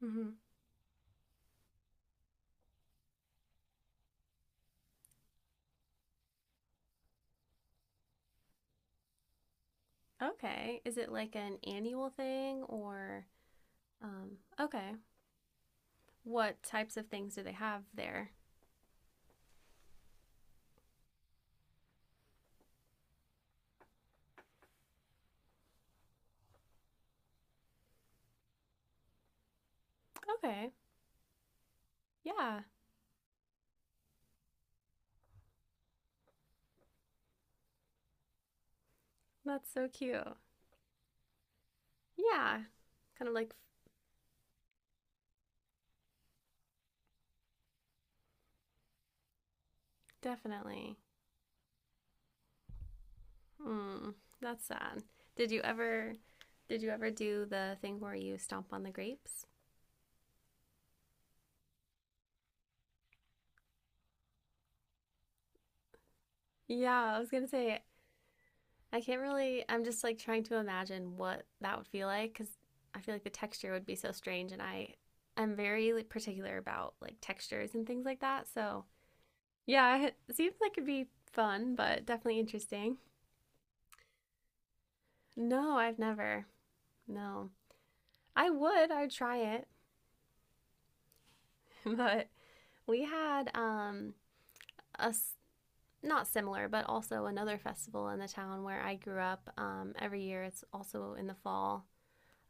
Hmm. Okay. Is it like an annual thing or okay. What types of things do they have there? Okay. Yeah. That's so cute. Yeah. Kind of like definitely. Hmm. That's sad. Did you ever did you ever do the thing where you stomp on the grapes? Yeah, I was gonna say I can't really. I'm just like trying to imagine what that would feel like because I feel like the texture would be so strange, and I'm very like, particular about like textures and things like that. So yeah, it seems like it'd be fun, but definitely interesting. No, I've never. No, I would. I'd try it, but we had a not similar, but also another festival in the town where I grew up. Every year, it's also in the fall.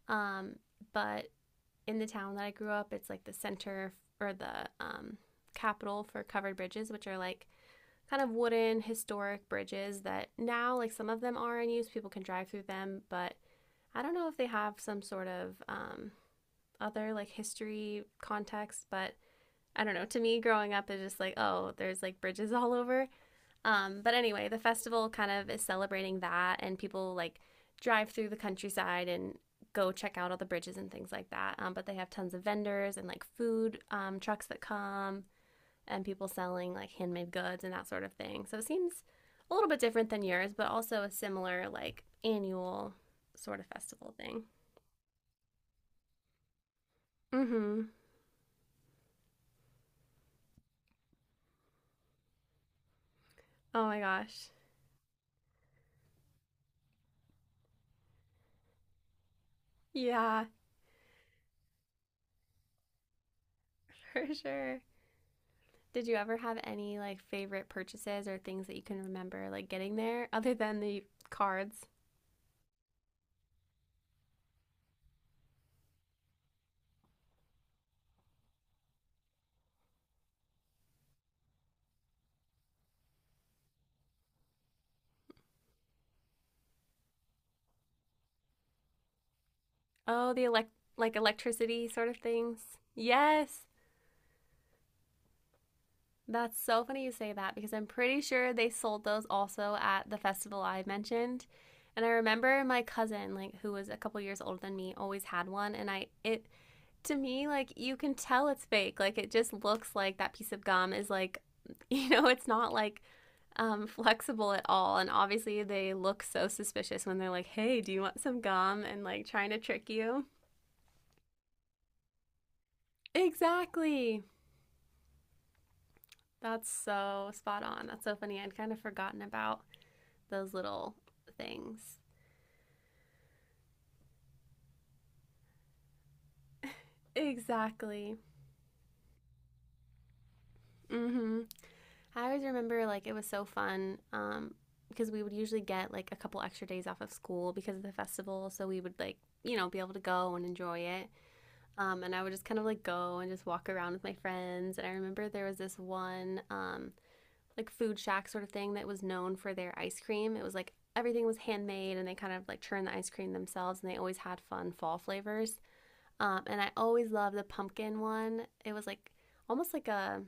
Um, but in the town that I grew up, it's like the center or the capital for covered bridges, which are like kind of wooden historic bridges that now, like some of them are in use, people can drive through them, but I don't know if they have some sort of other like history context, but I don't know. To me, growing up, it's just like, oh, there's like bridges all over. But anyway, the festival kind of is celebrating that, and people like drive through the countryside and go check out all the bridges and things like that. But they have tons of vendors and like food trucks that come and people selling like handmade goods and that sort of thing. So it seems a little bit different than yours, but also a similar like annual sort of festival thing. Mm hmm. Oh my gosh. Yeah, for sure. Did you ever have any like favorite purchases or things that you can remember like getting there other than the cards? Oh, the electricity sort of things. Yes. That's so funny you say that because I'm pretty sure they sold those also at the festival I mentioned. And I remember my cousin, like who was a couple years older than me, always had one and I it to me like you can tell it's fake. Like it just looks like that piece of gum is like, it's not like flexible at all. And obviously, they look so suspicious when they're like, "Hey, do you want some gum?" And like trying to trick you. Exactly. That's so spot on. That's so funny. I'd kind of forgotten about those little things. Exactly. Mm-hmm. I always remember like it was so fun because we would usually get like a couple extra days off of school because of the festival. So we would like, be able to go and enjoy it. And I would just kind of like go and just walk around with my friends. And I remember there was this one like food shack sort of thing that was known for their ice cream. It was like everything was handmade and they kind of like churned the ice cream themselves and they always had fun fall flavors. And I always loved the pumpkin one. It was like almost like a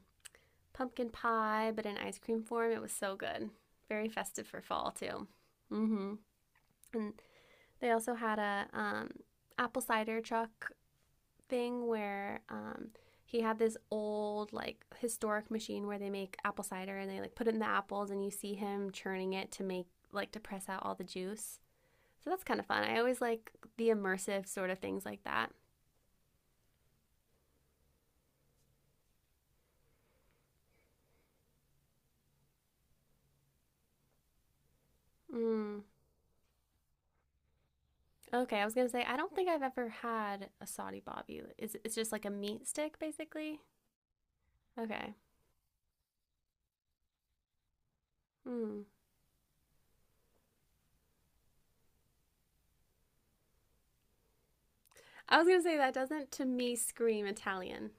pumpkin pie, but in ice cream form. It was so good. Very festive for fall too. Hmm. And they also had a apple cider truck thing where he had this old like historic machine where they make apple cider and they like put it in the apples and you see him churning it to make to press out all the juice. So that's kind of fun. I always like the immersive sort of things like that. Mm. Okay, I was gonna say I don't think I've ever had a Saudi bobby. It's just like a meat stick basically. Okay. Mm. I was gonna say that doesn't to me scream Italian.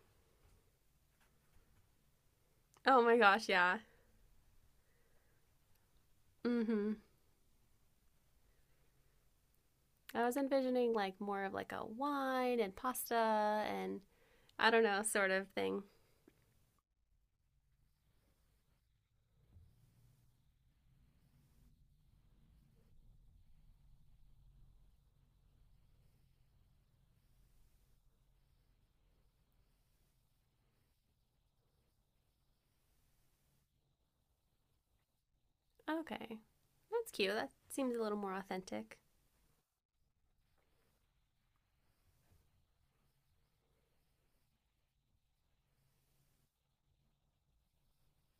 Oh my gosh, yeah. Mm-hmm. I was envisioning like more of like a wine and pasta and I don't know sort of thing. Okay. That's cute. That seems a little more authentic.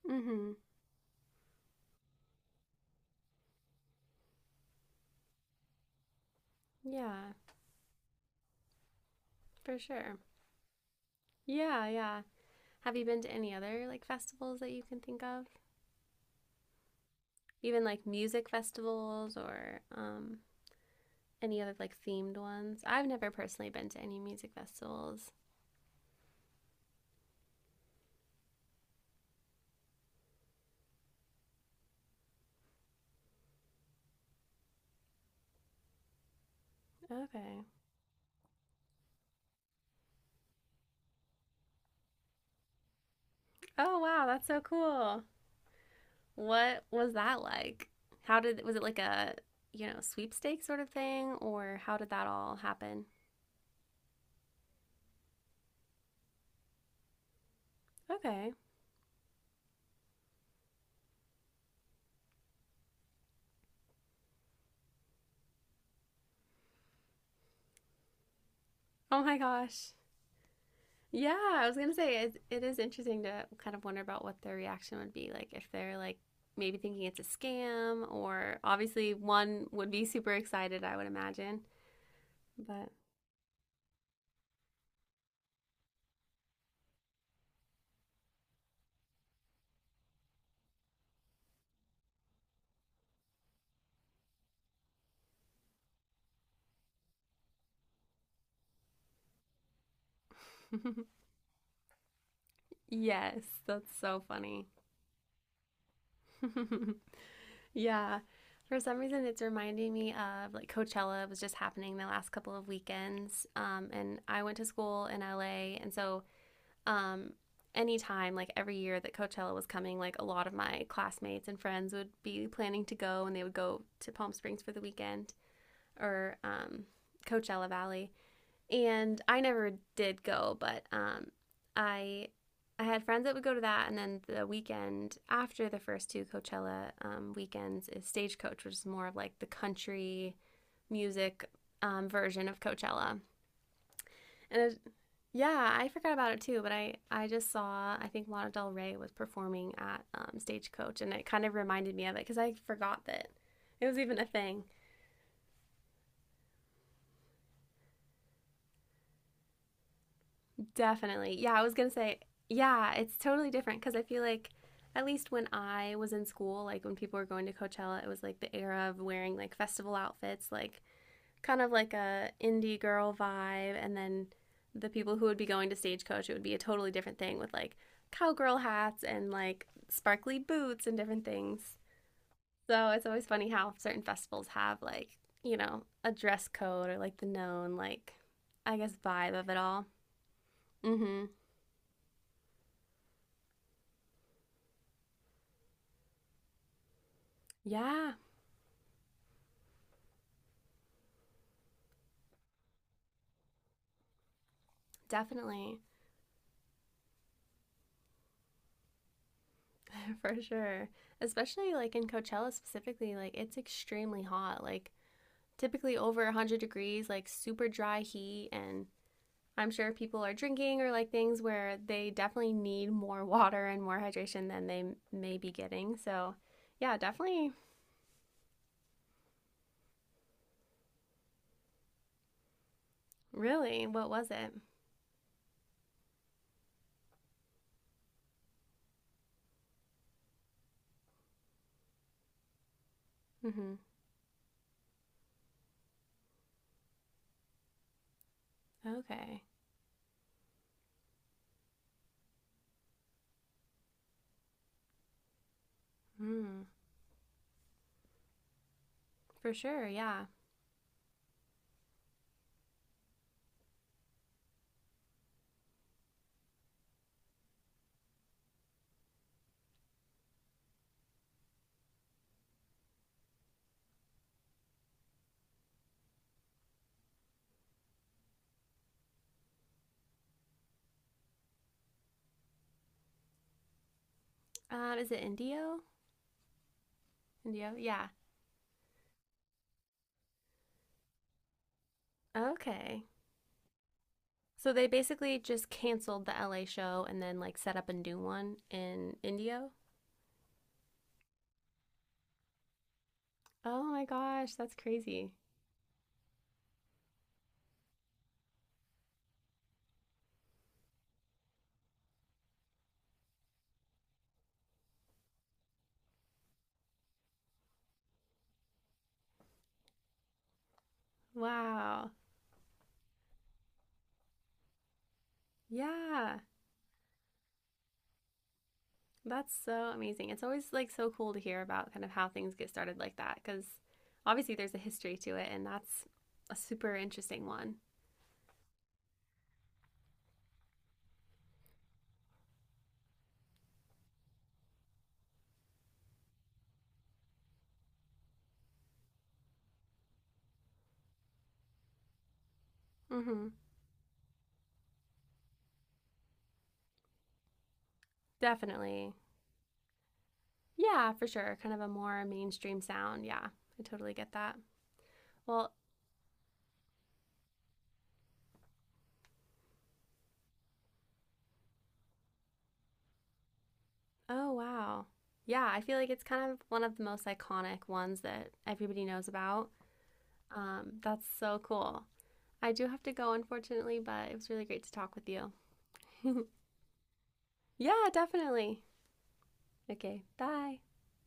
Mhm. Yeah, for sure. Yeah, yeah. Have you been to any other like festivals that you can think of? Even like music festivals or any other like themed ones? I've never personally been to any music festivals. Okay. Oh, wow, that's so cool. What was that like? How did was it like a sweepstakes sort of thing, or how did that all happen? Okay. Oh my gosh. Yeah, I was gonna say it is interesting to kind of wonder about what their reaction would be like if they're like maybe thinking it's a scam, or obviously one would be super excited, I would imagine. But yes, that's so funny. Yeah. For some reason, it's reminding me of like Coachella was just happening the last couple of weekends. And I went to school in LA. And so, um, anytime, like every year that Coachella was coming, like a lot of my classmates and friends would be planning to go and they would go to Palm Springs for the weekend or Coachella Valley and I never did go, but I I had friends that would go to that, and then the weekend after the first two Coachella weekends is Stagecoach, which is more of like the country music version of Coachella. And yeah, I forgot about it too, but I just saw I think Lana Del Rey was performing at Stagecoach, and it kind of reminded me of it because I forgot that it was even a thing. Definitely. Yeah, I was going to say, yeah, it's totally different because I feel like at least when I was in school, like when people were going to Coachella, it was like the era of wearing like festival outfits, like kind of like a indie girl vibe and then the people who would be going to Stagecoach, it would be a totally different thing with like cowgirl hats and like sparkly boots and different things. So it's always funny how certain festivals have like, a dress code or like the known like I guess vibe of it all. Mhm. Yeah. Definitely, for sure. Especially like in Coachella specifically, like it's extremely hot, like typically over 100 degrees, like super dry heat. And I'm sure people are drinking or like things where they definitely need more water and more hydration than they m- may be getting. So, yeah, definitely. Really, what was it? Hmm. Okay. Mm, for sure, yeah. Is it Indio? Indio? Yeah. Okay. So they basically just canceled the LA show and then like set up a new one in Indio. Oh my gosh, that's crazy. Wow. Yeah. That's so amazing. It's always like so cool to hear about kind of how things get started like that because obviously there's a history to it and that's a super interesting one. Mhm. Definitely. Yeah, for sure. Kind of a more mainstream sound. Yeah. I totally get that. Well, oh, wow. Yeah, I feel like it's kind of one of the most iconic ones that everybody knows about. That's so cool. I do have to go, unfortunately, but it was really great to talk with you. Yeah, definitely. Okay, bye.